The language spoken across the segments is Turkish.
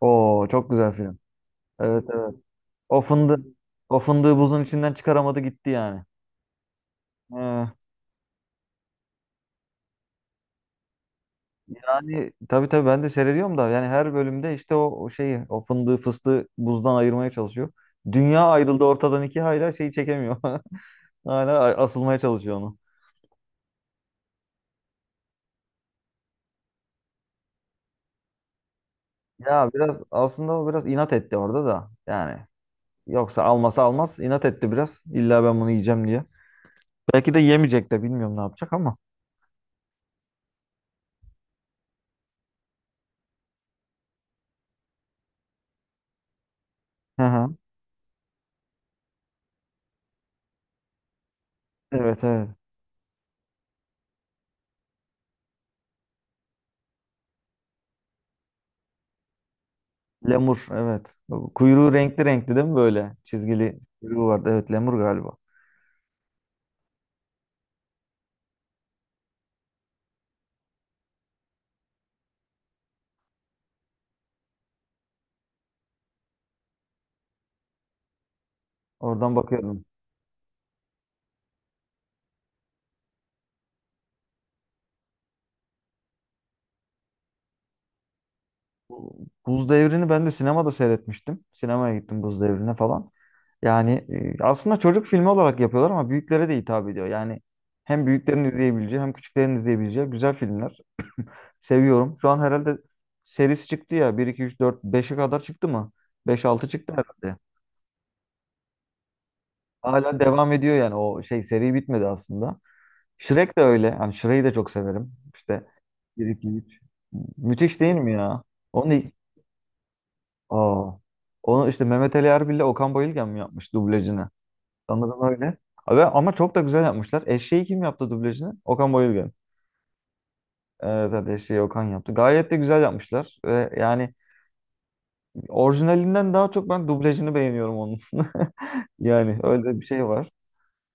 Oo çok güzel film. Evet evet. O fındığı, o fındığı buzun içinden çıkaramadı gitti yani. Ee, yani tabii tabii ben de seyrediyorum da yani her bölümde işte o şeyi o fındığı fıstığı buzdan ayırmaya çalışıyor. Dünya ayrıldı ortadan iki hala şeyi çekemiyor. Hala asılmaya çalışıyor onu. Ya biraz aslında o biraz inat etti orada da yani. Yoksa almasa almaz inat etti biraz. İlla ben bunu yiyeceğim diye. Belki de yemeyecek de bilmiyorum ne yapacak ama. Hı hı. Evet evet. Lemur evet. Kuyruğu renkli renkli değil mi böyle? Çizgili kuyruğu vardı. Evet lemur galiba. Oradan bakıyordum. Buz Devri'ni ben de sinemada seyretmiştim. Sinemaya gittim Buz Devri'ne falan. Yani aslında çocuk filmi olarak yapıyorlar ama büyüklere de hitap ediyor. Yani hem büyüklerin izleyebileceği hem küçüklerin izleyebileceği güzel filmler. Seviyorum. Şu an herhalde serisi çıktı ya. Bir 2 3 4 5'e kadar çıktı mı? 5 6 çıktı herhalde. Hala devam ediyor yani o şey seri bitmedi aslında. Shrek de öyle. Yani Shrek'i de çok severim. İşte bir iki üç. Müthiş değil mi ya? Onu, aa. Onu işte Mehmet Ali Erbil'le Okan Bayülgen mi yapmış dublajını? Sanırım öyle. Abi, ama çok da güzel yapmışlar. Eşeği kim yaptı dublajını? Okan Bayülgen. Evet, evet eşeği Okan yaptı. Gayet de güzel yapmışlar. Ve yani orijinalinden daha çok ben dublajını beğeniyorum onun. Yani öyle bir şey var.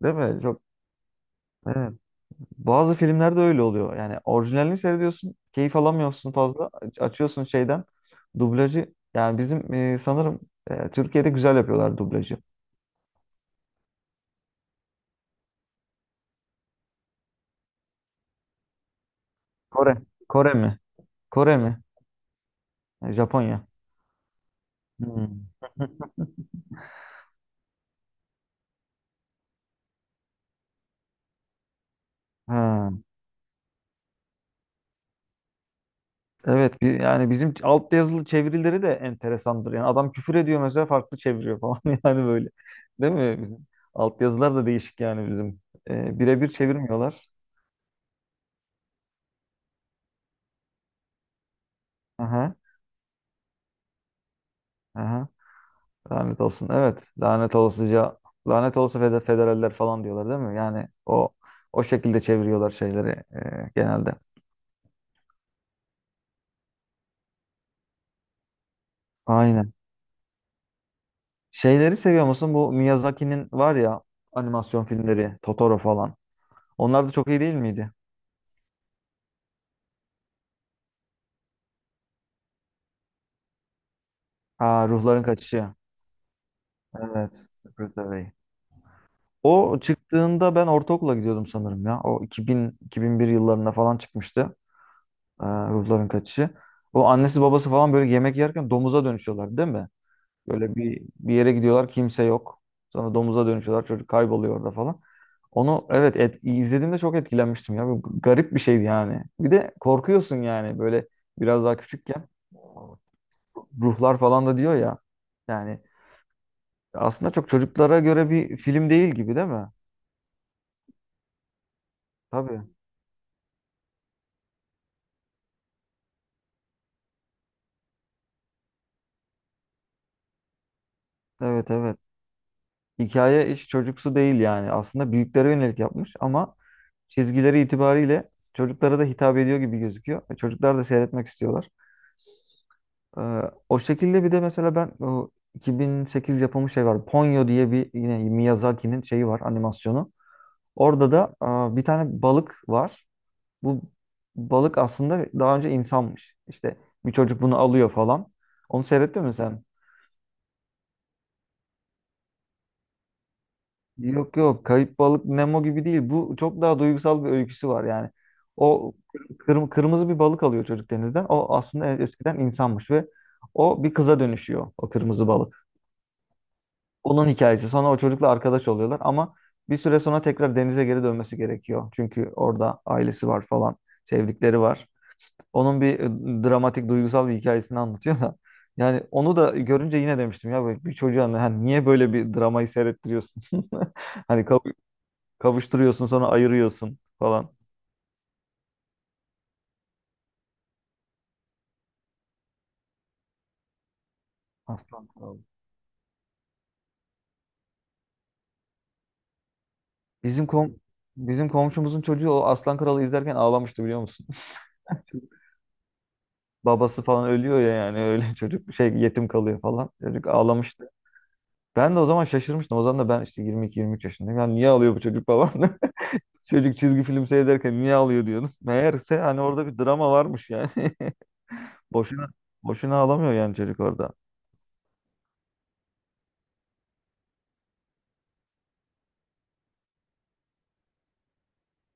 Değil mi? Çok evet. Bazı filmlerde öyle oluyor. Yani orijinalini seyrediyorsun, keyif alamıyorsun fazla. Açıyorsun şeyden. Dublajı yani bizim sanırım Türkiye'de güzel yapıyorlar dublajı. Kore. Kore mi? Kore mi? E, Japonya. Hmm. Ha. Evet bir, yani bizim alt yazılı çevirileri de enteresandır. Yani adam küfür ediyor mesela farklı çeviriyor falan yani böyle. Değil mi? Bizim alt yazılar da değişik yani bizim. E, birebir çevirmiyorlar. Aha, aha. Lanet olsun. Evet. Lanet olasıca lanet olası federaller falan diyorlar değil mi? Yani o o şekilde çeviriyorlar şeyleri genelde. Aynen. Şeyleri seviyor musun? Bu Miyazaki'nin var ya animasyon filmleri, Totoro falan. Onlar da çok iyi değil miydi? Aa, Ruhların Kaçışı. Evet. Secretary. O çıktığında ben ortaokula gidiyordum sanırım ya. O 2000-2001 yıllarında falan çıkmıştı. Ruhların Kaçışı. O annesi babası falan böyle yemek yerken domuza dönüşüyorlar değil mi? Böyle bir yere gidiyorlar kimse yok. Sonra domuza dönüşüyorlar çocuk kayboluyor orada falan. Onu evet izlediğimde çok etkilenmiştim ya. Bu garip bir şeydi yani. Bir de korkuyorsun yani böyle biraz daha küçükken. Ruhlar falan da diyor ya. Yani aslında çok çocuklara göre bir film değil gibi değil mi? Tabii. Evet evet. Hikaye hiç çocuksu değil yani. Aslında büyüklere yönelik yapmış ama çizgileri itibariyle çocuklara da hitap ediyor gibi gözüküyor. E, çocuklar da seyretmek istiyorlar. Ee, o şekilde bir de mesela ben o 2008 yapımı şey var. Ponyo diye bir yine Miyazaki'nin şeyi var animasyonu. Orada da aa, bir tane balık var. Bu balık aslında daha önce insanmış. İşte bir çocuk bunu alıyor falan. Onu seyrettin mi sen? Yok yok Kayıp Balık Nemo gibi değil. Bu çok daha duygusal bir öyküsü var yani. O kırmızı bir balık alıyor çocuk denizden. O aslında eskiden insanmış ve o bir kıza dönüşüyor o kırmızı balık. Onun hikayesi. Sonra o çocukla arkadaş oluyorlar ama bir süre sonra tekrar denize geri dönmesi gerekiyor. Çünkü orada ailesi var falan, sevdikleri var. Onun bir dramatik, duygusal bir hikayesini anlatıyor da. Yani onu da görünce yine demiştim ya böyle bir çocuğa hani niye böyle bir dramayı seyrettiriyorsun? Hani kavuşturuyorsun sonra ayırıyorsun falan. Aslan Kralı. Bizim kom bizim komşumuzun çocuğu o Aslan Kralı izlerken ağlamıştı biliyor musun? babası falan ölüyor ya yani öyle çocuk şey yetim kalıyor falan. Çocuk ağlamıştı. Ben de o zaman şaşırmıştım. O zaman da ben işte 22-23 yaşındayım. Yani niye ağlıyor bu çocuk babam? Çocuk çizgi film seyrederken niye ağlıyor diyordum. Meğerse hani orada bir drama varmış yani. Boşuna boşuna ağlamıyor yani çocuk orada.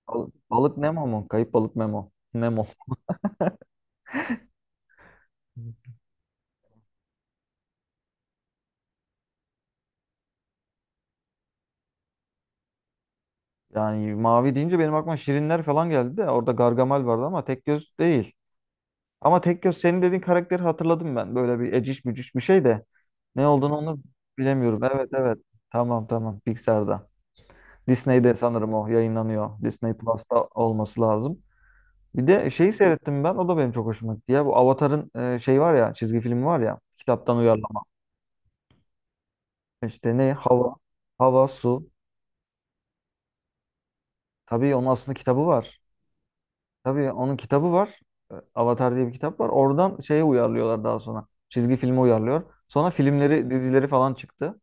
Balık, balık Nemo mu? Kayıp balık Nemo. Nemo. Yani mavi deyince benim aklıma şirinler falan geldi de orada Gargamel vardı ama tek göz değil. Ama tek göz senin dediğin karakteri hatırladım ben. Böyle bir eciş bücüş bir şey de. Ne olduğunu onu bilemiyorum. Evet evet. Tamam tamam. Pixar'da. Disney'de sanırım o yayınlanıyor. Disney Plus'ta olması lazım. Bir de şeyi seyrettim ben. O da benim çok hoşuma gitti ya. Bu Avatar'ın şey var ya. Çizgi filmi var ya. Kitaptan uyarlama. İşte ne? Hava. Hava, su. Tabii onun aslında kitabı var. Tabii onun kitabı var. E, Avatar diye bir kitap var. Oradan şeye uyarlıyorlar daha sonra. Çizgi filmi uyarlıyor. Sonra filmleri, dizileri falan çıktı.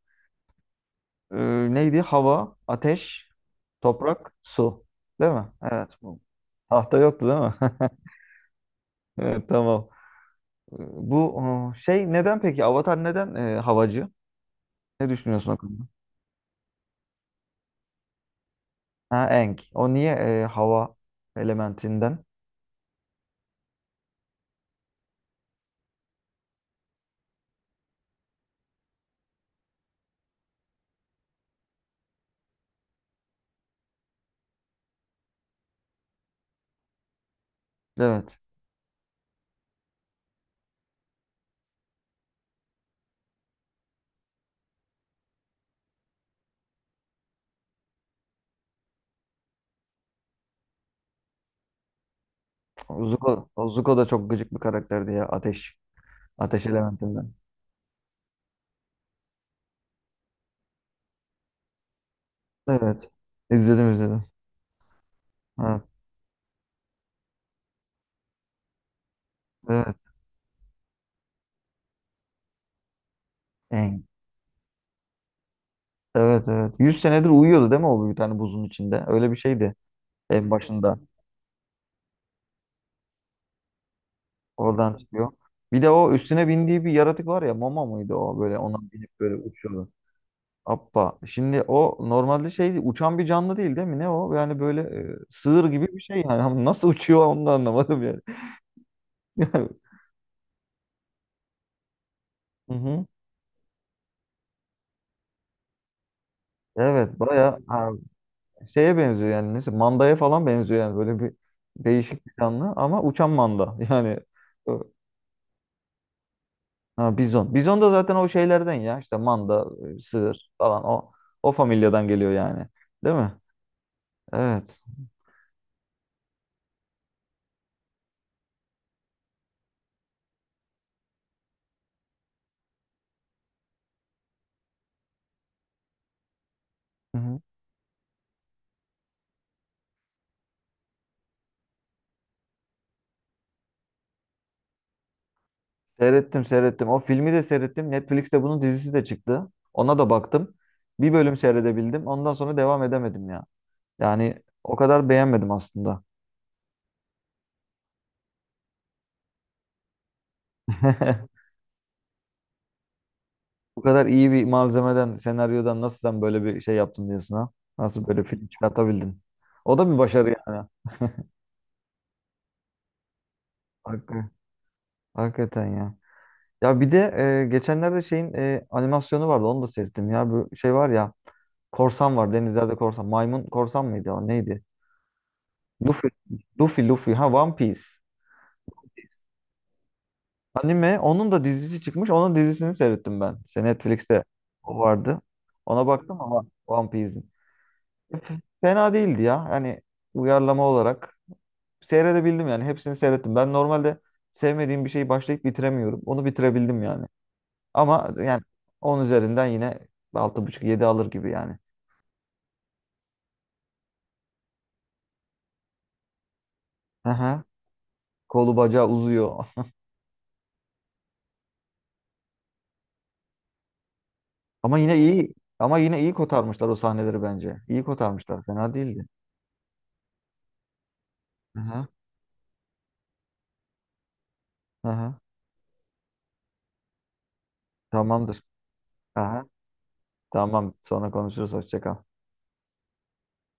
Ee, neydi? Hava, ateş, toprak, su. Değil mi? Evet. Bu. Tahta yoktu değil mi? Evet tamam. Bu o, şey neden peki? Avatar neden havacı? Ne düşünüyorsun o konuda? Ha Aang. O niye hava elementinden? Evet. Zuko, o Zuko da çok gıcık bir karakterdi ya. Ateş. Ateş elementinden. Evet. İzledim izledim. Evet. Evet. Aang. Evet evet. 100 senedir uyuyordu değil mi o bir tane buzun içinde? Öyle bir şeydi en başında. Oradan çıkıyor. Bir de o üstüne bindiği bir yaratık var ya mama mıydı o böyle ona binip böyle uçuyordu. Appa. Şimdi o normalde şey uçan bir canlı değil değil mi? Ne o? Yani böyle sığır gibi bir şey yani. Ama nasıl uçuyor onu da anlamadım yani. Hı hı. Evet baya ha, şeye benziyor yani. Neyse mandaya falan benziyor yani. Böyle bir değişik bir canlı ama uçan manda. Yani ö- ha, bizon. Bizon da zaten o şeylerden ya. İşte manda, sığır falan o familyadan geliyor yani. Değil mi? Evet. Hı hı. Seyrettim seyrettim. O filmi de seyrettim. Netflix'te bunun dizisi de çıktı. Ona da baktım. Bir bölüm seyredebildim. Ondan sonra devam edemedim ya. Yani o kadar beğenmedim aslında. Bu kadar iyi bir malzemeden, senaryodan nasıl sen böyle bir şey yaptın diyorsun ha? Nasıl böyle film çıkartabildin? O da bir başarı yani. Hakikaten, hakikaten ya. Ya bir de geçenlerde şeyin animasyonu vardı. Onu da seyrettim ya. Bu şey var ya. Korsan var. Denizlerde korsan. Maymun korsan mıydı o? Neydi? Luffy, Luffy, Luffy. Ha One Piece. Anime. Onun da dizisi çıkmış. Onun dizisini seyrettim ben. İşte Netflix'te o vardı. Ona baktım ama One Piece'in. Fena değildi ya. Yani uyarlama olarak seyredebildim yani. Hepsini seyrettim. Ben normalde sevmediğim bir şeyi başlayıp bitiremiyorum. Onu bitirebildim yani. Ama yani 10 üzerinden yine altı buçuk yedi alır gibi yani. Hı hı. Kolu bacağı uzuyor. Ama yine iyi. Ama yine iyi kotarmışlar o sahneleri bence. İyi kotarmışlar. Fena değildi. Hı hı. Aha, tamamdır. Aha, tamam. Sonra konuşuruz. Hoşça kal.